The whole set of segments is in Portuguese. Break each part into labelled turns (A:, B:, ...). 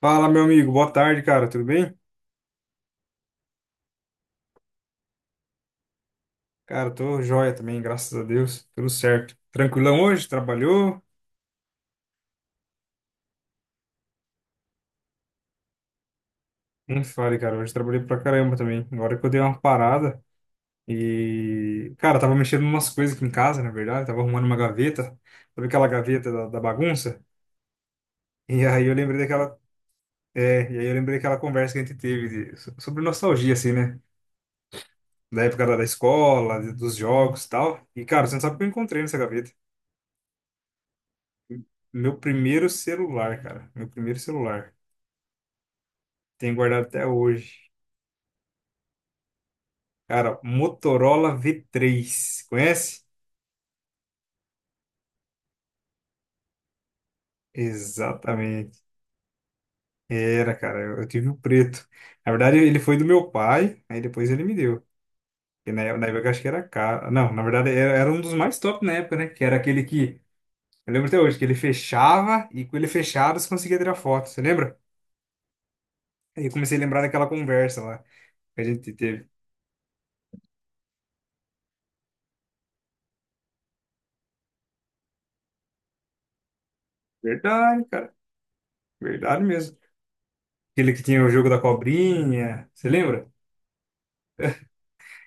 A: Fala, meu amigo. Boa tarde, cara. Tudo bem? Cara, tô joia também, graças a Deus. Tudo certo. Tranquilão hoje? Trabalhou? Não fale, cara. Hoje trabalhei pra caramba também. Agora que eu dei uma parada e, cara, tava mexendo em umas coisas aqui em casa, na verdade. Tava arrumando uma gaveta. Sabe aquela gaveta da bagunça? E aí eu lembrei daquela. É, e aí eu lembrei daquela conversa que a gente teve sobre nostalgia, assim, né? Da época da escola, dos jogos e tal. E, cara, você não sabe o que eu encontrei nessa gaveta. Meu primeiro celular, cara. Meu primeiro celular. Tenho guardado até hoje. Cara, Motorola V3, conhece? Exatamente. Era, cara, eu tive o preto. Na verdade, ele foi do meu pai, aí depois ele me deu. E na época eu acho que era caro. Não, na verdade era um dos mais top na época, né? Que era aquele que, eu lembro até hoje, que ele fechava e com ele fechado você conseguia tirar foto, você lembra? Aí eu comecei a lembrar daquela conversa lá que a gente teve. Verdade, cara, verdade mesmo. Aquele que tinha o jogo da cobrinha, você lembra?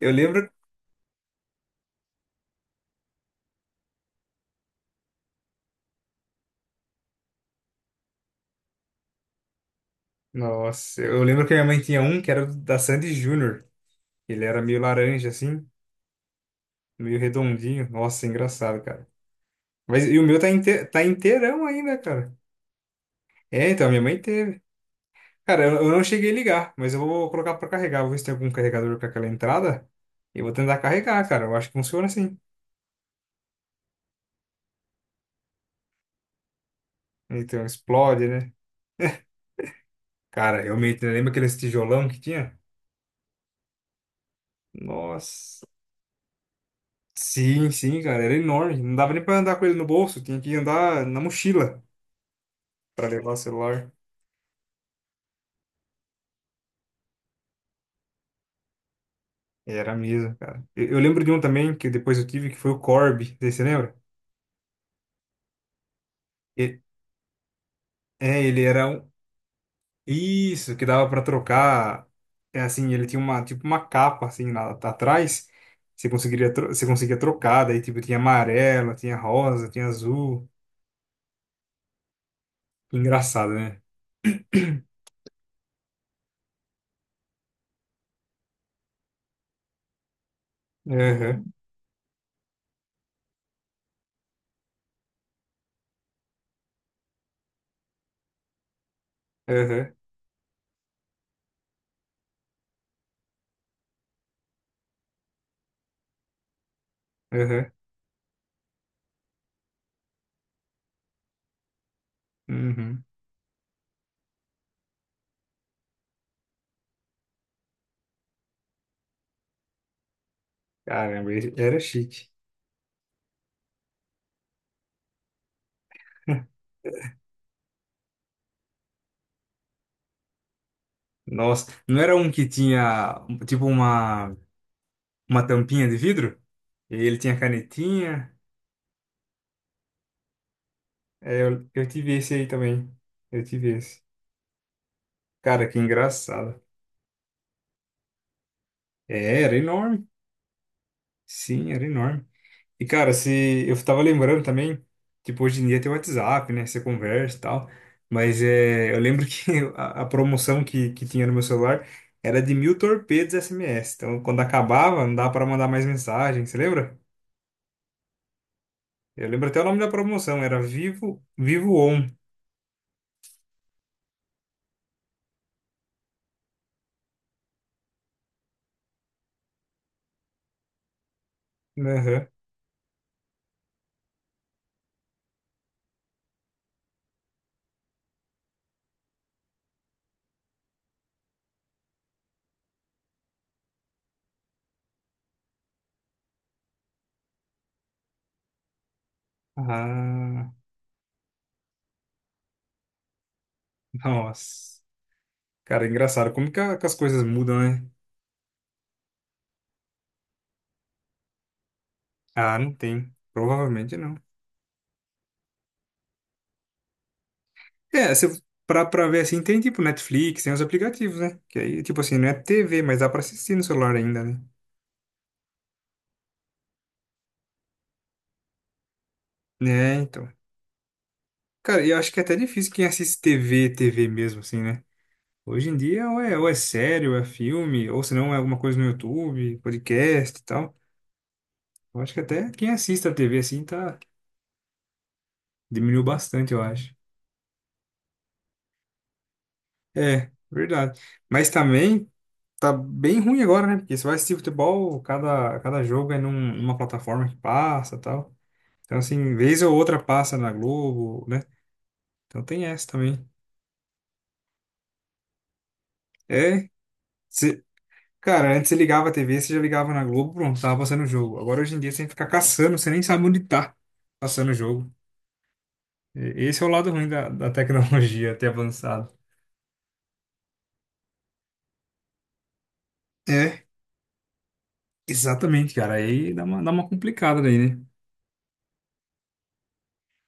A: Eu lembro Nossa, eu lembro que a minha mãe tinha um que era da Sandy Júnior. Ele era meio laranja, assim, meio redondinho. Nossa, engraçado, cara. Mas e o meu tá inteirão ainda, cara. É, então, minha mãe teve. Cara, eu não cheguei a ligar, mas eu vou colocar pra carregar. Vou ver se tem algum carregador com aquela entrada. E eu vou tentar carregar, cara. Eu acho que funciona assim. Então, explode, né? Cara, eu me lembra aquele tijolão que tinha? Nossa. Sim, sim, cara, era enorme. Não dava nem pra andar com ele no bolso, tinha que andar na mochila pra levar o celular. Era mesmo, cara. Eu lembro de um também que depois eu tive, que foi o Corby. Você lembra? E- É, ele era um. Isso, que dava pra trocar. É assim, ele tinha uma, tipo, uma capa assim lá, tá atrás. Você conseguia trocar, daí tipo, tinha amarelo, tinha rosa, tinha azul. Engraçado, né? Aham, aham, aham. Uhum. Caramba, ele era chique. Nossa, não era um que tinha tipo uma tampinha de vidro. E ele tinha canetinha. É, eu tive esse aí também. Eu tive esse. Cara, que engraçado. É, era enorme. Sim, era enorme. E, cara, se eu tava lembrando também, tipo, hoje em dia tem o WhatsApp, né? Você conversa e tal. Mas é, eu lembro que a promoção que tinha no meu celular era de 1.000 torpedos SMS. Então, quando acabava, não dava pra mandar mais mensagem. Você lembra? Eu lembro até o nome da promoção. Era Vivo, Vivo On. Aham. Ah. Nossa, cara, é engraçado. Como que, que as coisas mudam, né? Ah, não tem. Provavelmente não. É, se, eu- pra ver assim, tem tipo Netflix, tem os aplicativos, né? Que aí, tipo assim, não é TV, mas dá pra assistir no celular ainda, né? É, então. Cara, eu acho que é até difícil quem assiste TV, TV mesmo, assim, né? Hoje em dia, ou é série, ou é filme, ou se não, é alguma coisa no YouTube, podcast e tal. Eu acho que até quem assiste a TV, assim, tá. Diminuiu bastante, eu acho. É, verdade. Mas também tá bem ruim agora, né? Porque você vai assistir futebol, cada jogo é numa plataforma que passa e tal. Então, assim, vez ou outra passa na Globo, né? Então tem essa também. É, você- cara, antes você ligava a TV, você já ligava na Globo, pronto, tava passando o jogo. Agora, hoje em dia, você tem que ficar caçando, você nem sabe onde tá passando o jogo. Esse é o lado ruim da tecnologia ter avançado. É, exatamente, cara. Aí dá uma complicada daí, né?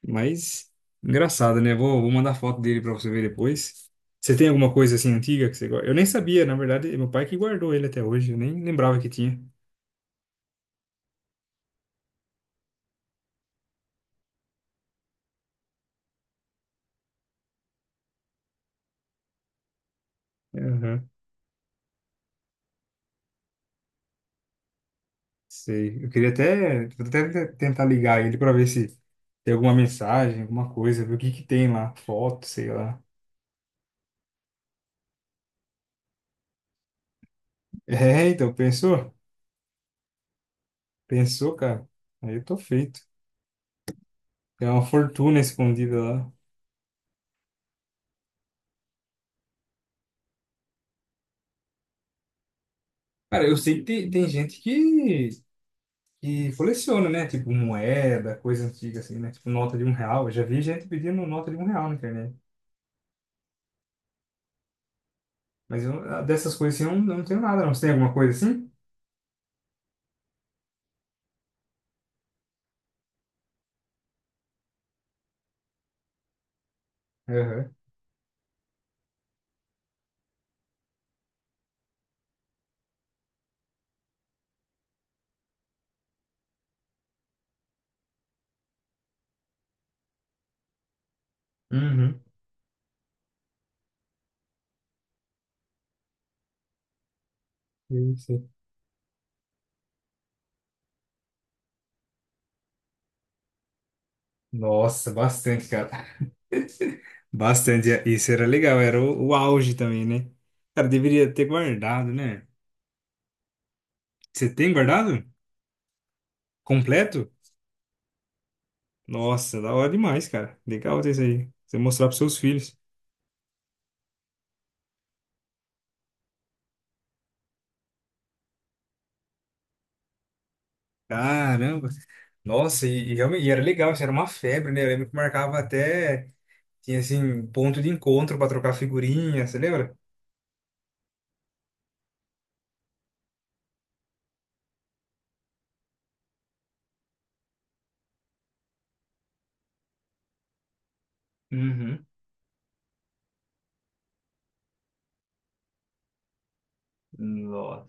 A: Mas engraçado, né? Vou mandar foto dele pra você ver depois. Você tem alguma coisa assim antiga que você gosta? Eu nem sabia, na verdade, meu pai que guardou ele até hoje, eu nem lembrava que tinha. Aham, sei. Eu queria até, vou até tentar ligar ele pra ver se tem alguma mensagem, alguma coisa, ver o que que tem lá, foto, sei lá. É, então, pensou? Pensou, cara? Aí eu tô feito. Tem uma fortuna escondida lá. Cara, eu sei que tem gente que coleciona, né? Tipo moeda, coisa antiga assim, né? Tipo nota de R$ 1. Eu já vi gente pedindo nota de R$ 1 na internet. Mas eu, dessas coisas assim, eu não tenho nada, não. Você tem alguma coisa assim? Aham. Uhum. Isso. Nossa, bastante, cara. Bastante. Isso era legal, era o auge também, né? Cara, deveria ter guardado, né? Você tem guardado? Completo? Nossa, da hora demais, cara. Legal ter isso aí. Você mostrar pros seus filhos. Caramba! Nossa, e realmente e era legal, isso era uma febre, né? Eu lembro que marcava até, tinha assim, ponto de encontro para trocar figurinha, você lembra? Uhum. Nossa.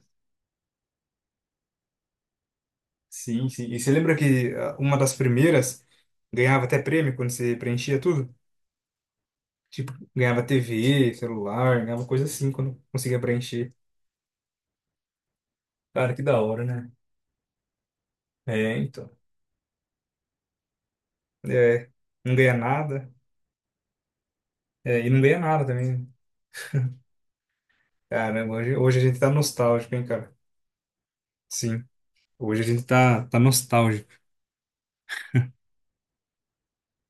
A: Sim, sim. E você lembra que uma das primeiras ganhava até prêmio quando você preenchia tudo? Tipo, ganhava TV, celular, ganhava coisa assim quando conseguia preencher. Cara, que da hora, né? É, então. É, não ganha nada. É, e não ganha nada também, né? Caramba, hoje a gente tá nostálgico, hein, cara? Sim. Hoje a gente tá nostálgico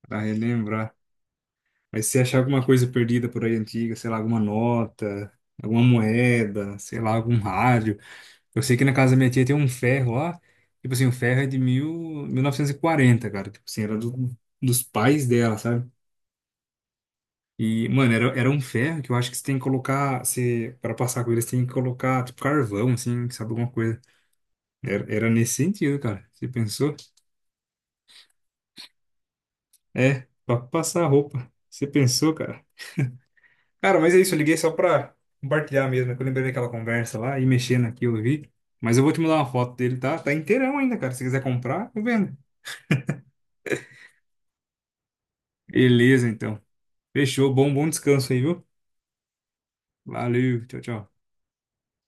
A: pra relembrar. Mas se achar alguma coisa perdida por aí antiga, sei lá, alguma nota, alguma moeda, sei lá, algum rádio. Eu sei que na casa da minha tia tem um ferro lá. Tipo assim, o ferro é de 1940, cara. Tipo assim, era dos pais dela, sabe? E, mano, era um ferro que eu acho que você tem que colocar, você, pra passar com ele, você tem que colocar, tipo, carvão, assim, sabe, alguma coisa. Era nesse sentido, cara. Você pensou? É, pra passar a roupa. Você pensou, cara? Cara, mas é isso, eu liguei só pra compartilhar mesmo, é que eu lembrei daquela conversa lá e mexendo aqui eu vi. Mas eu vou te mandar uma foto dele, tá? Tá inteirão ainda, cara. Se quiser comprar, eu vendo. Beleza, então. Fechou, bom, bom descanso aí, viu? Valeu, tchau, tchau.